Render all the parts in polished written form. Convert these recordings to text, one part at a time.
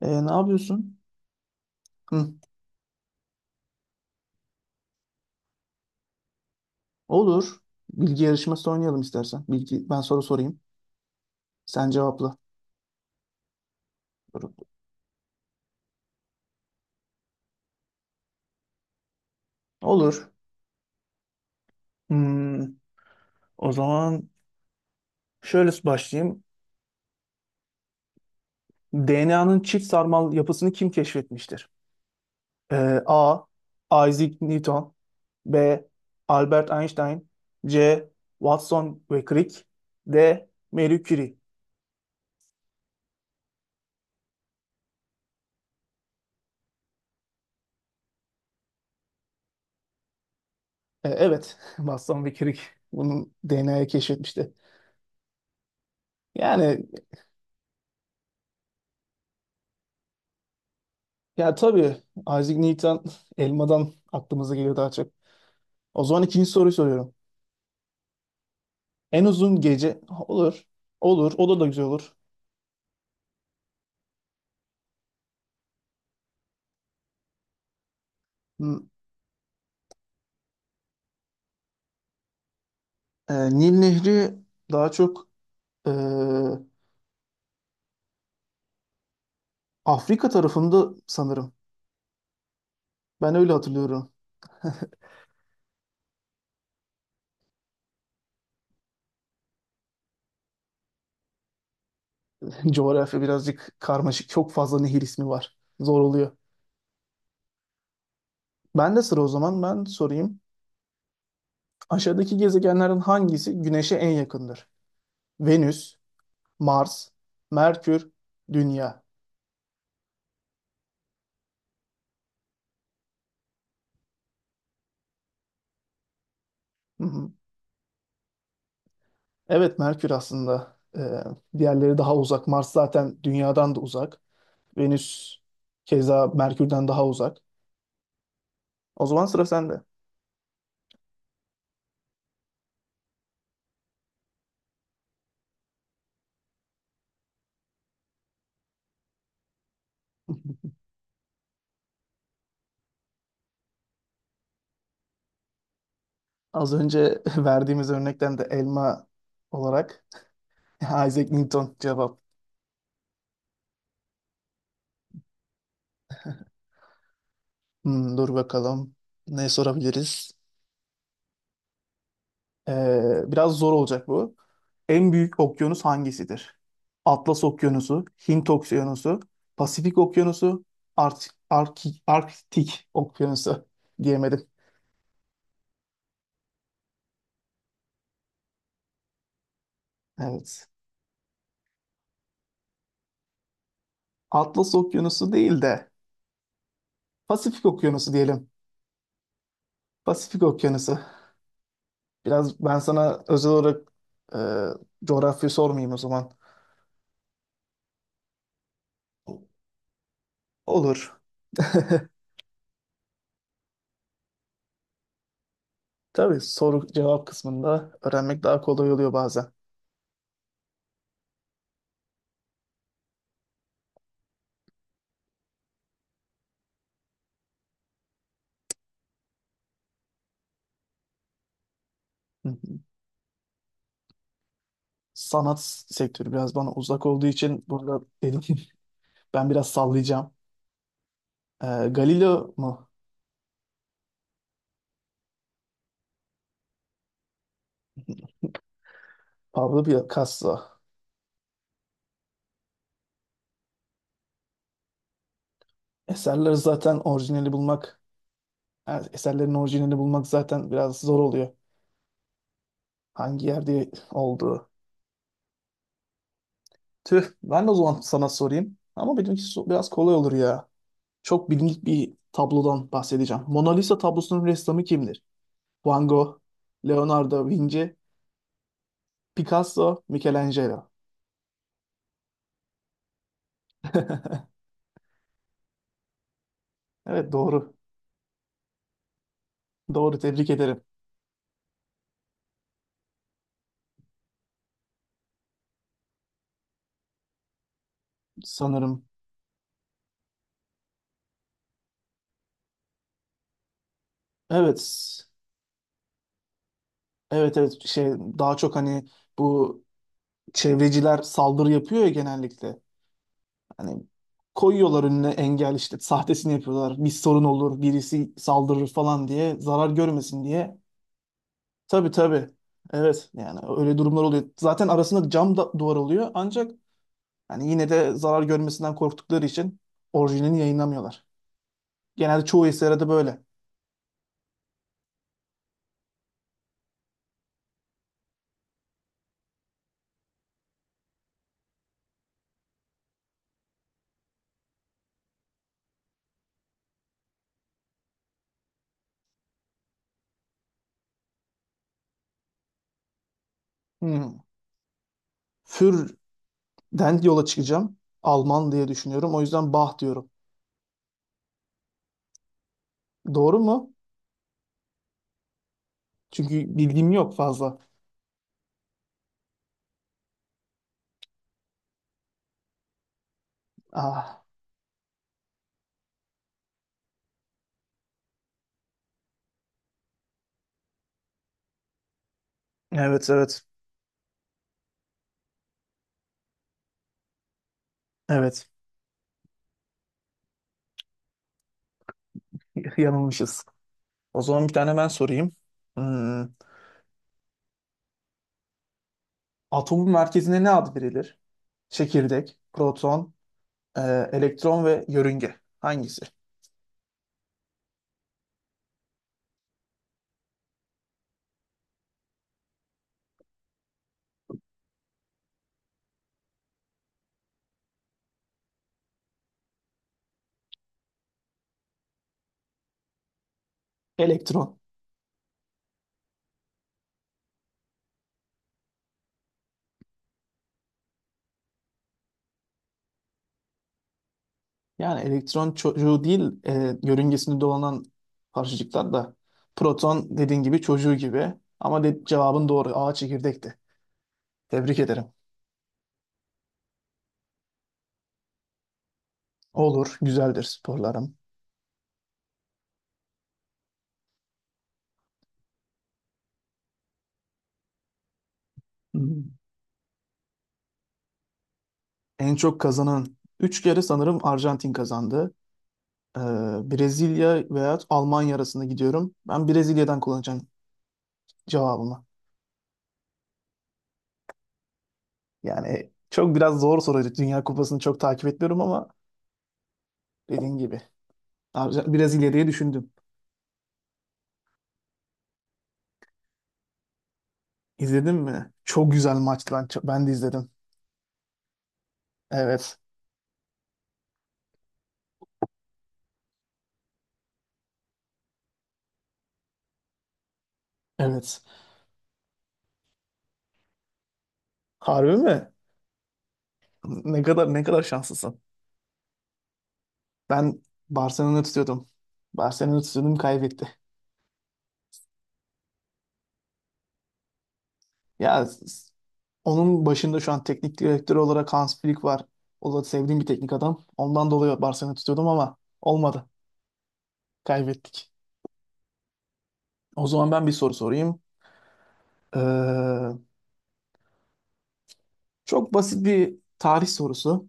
Ne yapıyorsun? Hı. Olur. Bilgi yarışması oynayalım istersen. Ben soru sorayım. Sen cevapla. Soru. Olur. Hmm, o zaman şöyle başlayayım. DNA'nın çift sarmal yapısını kim keşfetmiştir? Ee, A. Isaac Newton. B. Albert Einstein. C. Watson ve Crick. D. Marie Curie. Evet. Watson ve Crick bunun DNA'yı keşfetmişti. Yani, ya tabii Isaac Newton elmadan aklımıza geliyor daha çok. O zaman ikinci soruyu soruyorum. En uzun gece Ha, olur. Olur. O da güzel olur. Hmm, e, Nil Nehri daha çok, e, Afrika tarafında sanırım. Ben öyle hatırlıyorum. Coğrafya birazcık karmaşık. Çok fazla nehir ismi var. Zor oluyor. Ben de sıra o zaman ben sorayım. Aşağıdaki gezegenlerin hangisi Güneş'e en yakındır? Venüs, Mars, Merkür, Dünya. Hı hı. Evet, Merkür aslında, diğerleri daha uzak. Mars zaten Dünya'dan da uzak. Venüs keza Merkür'den daha uzak. O zaman sıra sende. Az önce verdiğimiz örnekten de elma olarak Isaac Newton cevap. Dur bakalım, ne sorabiliriz? Biraz zor olacak bu. En büyük okyanus hangisidir? Atlas Okyanusu, Hint Okyanusu, Pasifik Okyanusu, Arktik Okyanusu diyemedim. Evet. Atlas Okyanusu değil de Pasifik Okyanusu diyelim. Pasifik Okyanusu. Biraz ben sana özel olarak e, coğrafya sormayayım o zaman. Olur. Tabii, soru cevap kısmında öğrenmek daha kolay oluyor bazen. Hı hı. Sanat sektörü biraz bana uzak olduğu için burada dedim ki ben biraz sallayacağım. Galileo mu? Pablo Picasso. Eserleri zaten orijinali bulmak, yani eserlerin orijinalini bulmak zaten biraz zor oluyor. Hangi yerde oldu? Tüh, ben de o zaman sana sorayım. Ama benimki biraz kolay olur ya. Çok bilindik bir tablodan bahsedeceğim. Mona Lisa tablosunun ressamı kimdir? Van Gogh, Leonardo da Vinci, Picasso, Michelangelo. Evet, doğru. Doğru, tebrik ederim sanırım. Evet. Evet, evet, daha çok hani bu çevreciler saldırı yapıyor ya genellikle. Hani koyuyorlar önüne engel, işte sahtesini yapıyorlar. Bir sorun olur, birisi saldırır falan diye zarar görmesin diye. Tabii, tabii. Evet, yani öyle durumlar oluyor. Zaten arasında cam da duvar oluyor ancak yani yine de zarar görmesinden korktukları için orijinalini yayınlamıyorlar. Genelde çoğu eserde de böyle. Hmm. Für'den yola çıkacağım. Alman diye düşünüyorum. O yüzden Bach diyorum. Doğru mu? Çünkü bilgim yok fazla. Ah, evet, evet. Evet. Yanılmışız. O zaman bir tane ben sorayım. Hmm, Atomun merkezine ne ad verilir? Çekirdek, proton, e, elektron ve yörünge. Hangisi? Elektron. Yani elektron çocuğu değil, yörüngesinde dolanan parçacıklar da. Proton dediğin gibi çocuğu gibi. Ama cevabın doğru. A çekirdekti. Tebrik ederim. Olur, güzeldir sporlarım. Hmm. En çok kazanan 3 kere sanırım Arjantin kazandı. Ee, Brezilya veya Almanya arasında gidiyorum. Ben Brezilya'dan kullanacağım cevabımı. Yani çok biraz zor soruydu. Dünya Kupası'nı çok takip etmiyorum ama dediğin gibi. Abi, biraz ileriye düşündüm. İzledin mi? Çok güzel maçtı. Ben de izledim. Evet. Evet. Harbi mi? Ne kadar, ne kadar şanslısın. Ben Barcelona'yı tutuyordum. Barcelona'yı tutuyordum, kaybetti. Ya s- onun başında şu an teknik direktör olarak Hans Flick var. O da sevdiğim bir teknik adam. Ondan dolayı Barcelona'yı tutuyordum ama olmadı. Kaybettik. O zaman ben bir soru sorayım. Ee, Çok basit bir tarih sorusu.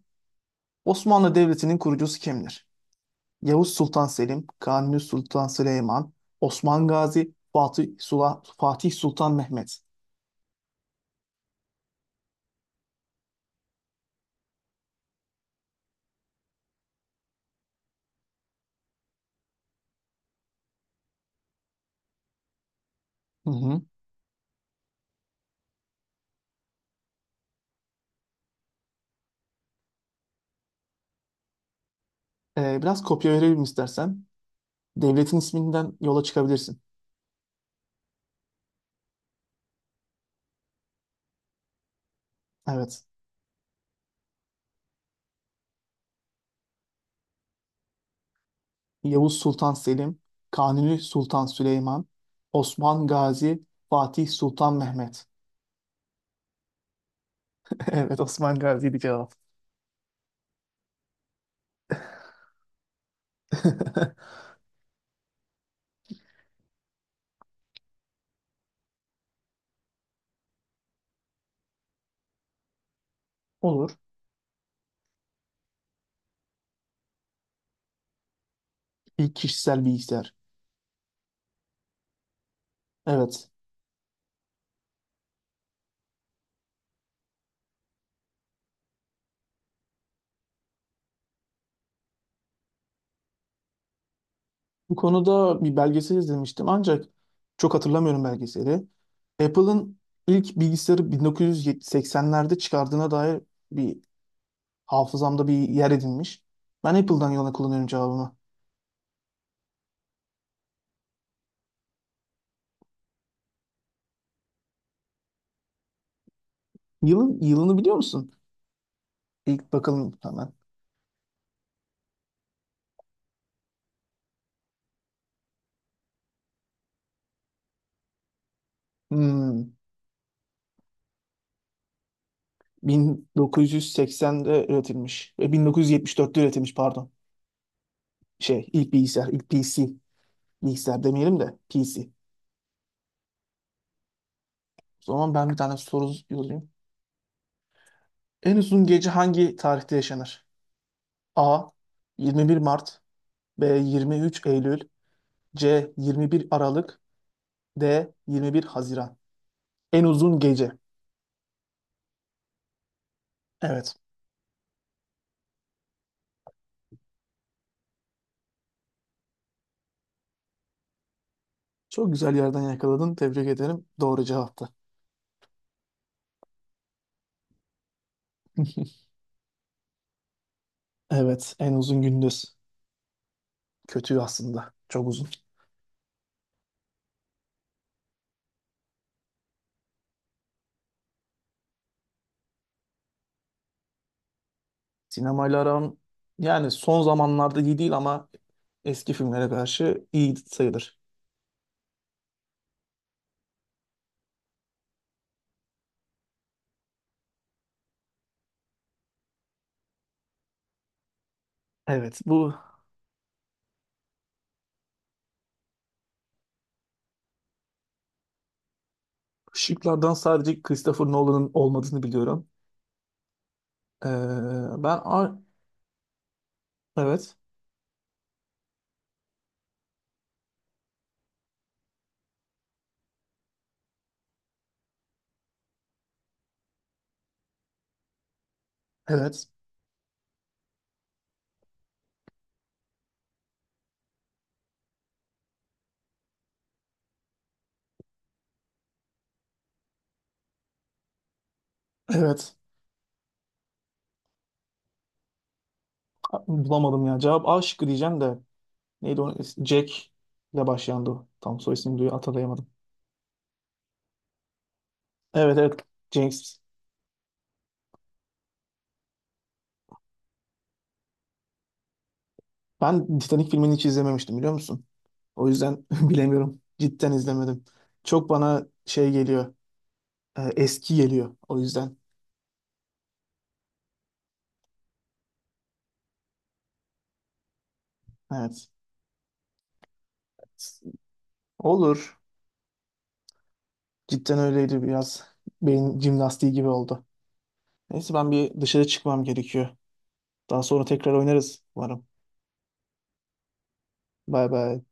Osmanlı Devleti'nin kurucusu kimdir? Yavuz Sultan Selim, Kanuni Sultan Süleyman, Osman Gazi, Fatih Sultan Mehmet. Hı hı. Biraz kopya verelim istersen. Devletin isminden yola çıkabilirsin. Evet. Yavuz Sultan Selim, Kanuni Sultan Süleyman, Osman Gazi, Fatih Sultan Mehmet. Evet, Osman Gazi'ydi cevap. Olur. İlk kişisel bilgisayar. Evet. Bu konuda bir belgesel izlemiştim ancak çok hatırlamıyorum belgeseli. Apple'ın ilk bilgisayarı 1980'lerde çıkardığına dair bir hafızamda bir yer edinmiş. Ben Apple'dan yana kullanıyorum cevabımı. Yılını biliyor musun? İlk bakalım hemen. Hmm, 1980'de üretilmiş. 1974'te üretilmiş pardon. Şey ilk bilgisayar, ilk PC. Bilgisayar demeyelim de PC. O zaman ben bir tane soru yazayım. En uzun gece hangi tarihte yaşanır? A. 21 Mart. B. 23 Eylül. C. 21 Aralık. D. 21 Haziran. En uzun gece. Evet. Çok güzel yerden yakaladın. Tebrik ederim. Doğru cevaptı. Evet. En uzun gündüz. Kötü aslında. Çok uzun. Sinemayla aram yani son zamanlarda iyi değil ama eski filmlere karşı iyi sayılır. Evet. Bu şıklardan sadece Christopher Nolan'ın olmadığını biliyorum. Ee, ben A- evet. Evet. Evet. Bulamadım ya. Cevap A şıkkı diyeceğim de. Neydi o? Jack ile başlayandı o. Tam soy ismini duyu hatırlayamadım. Evet, evet. James. Ben Titanic filmini hiç izlememiştim biliyor musun? O yüzden bilemiyorum. Cidden izlemedim. Çok bana şey geliyor. Eski geliyor. O yüzden. Evet. Olur. Cidden öyleydi biraz. Beyin jimnastiği gibi oldu. Neyse ben bir dışarı çıkmam gerekiyor. Daha sonra tekrar oynarız umarım. Bay bay.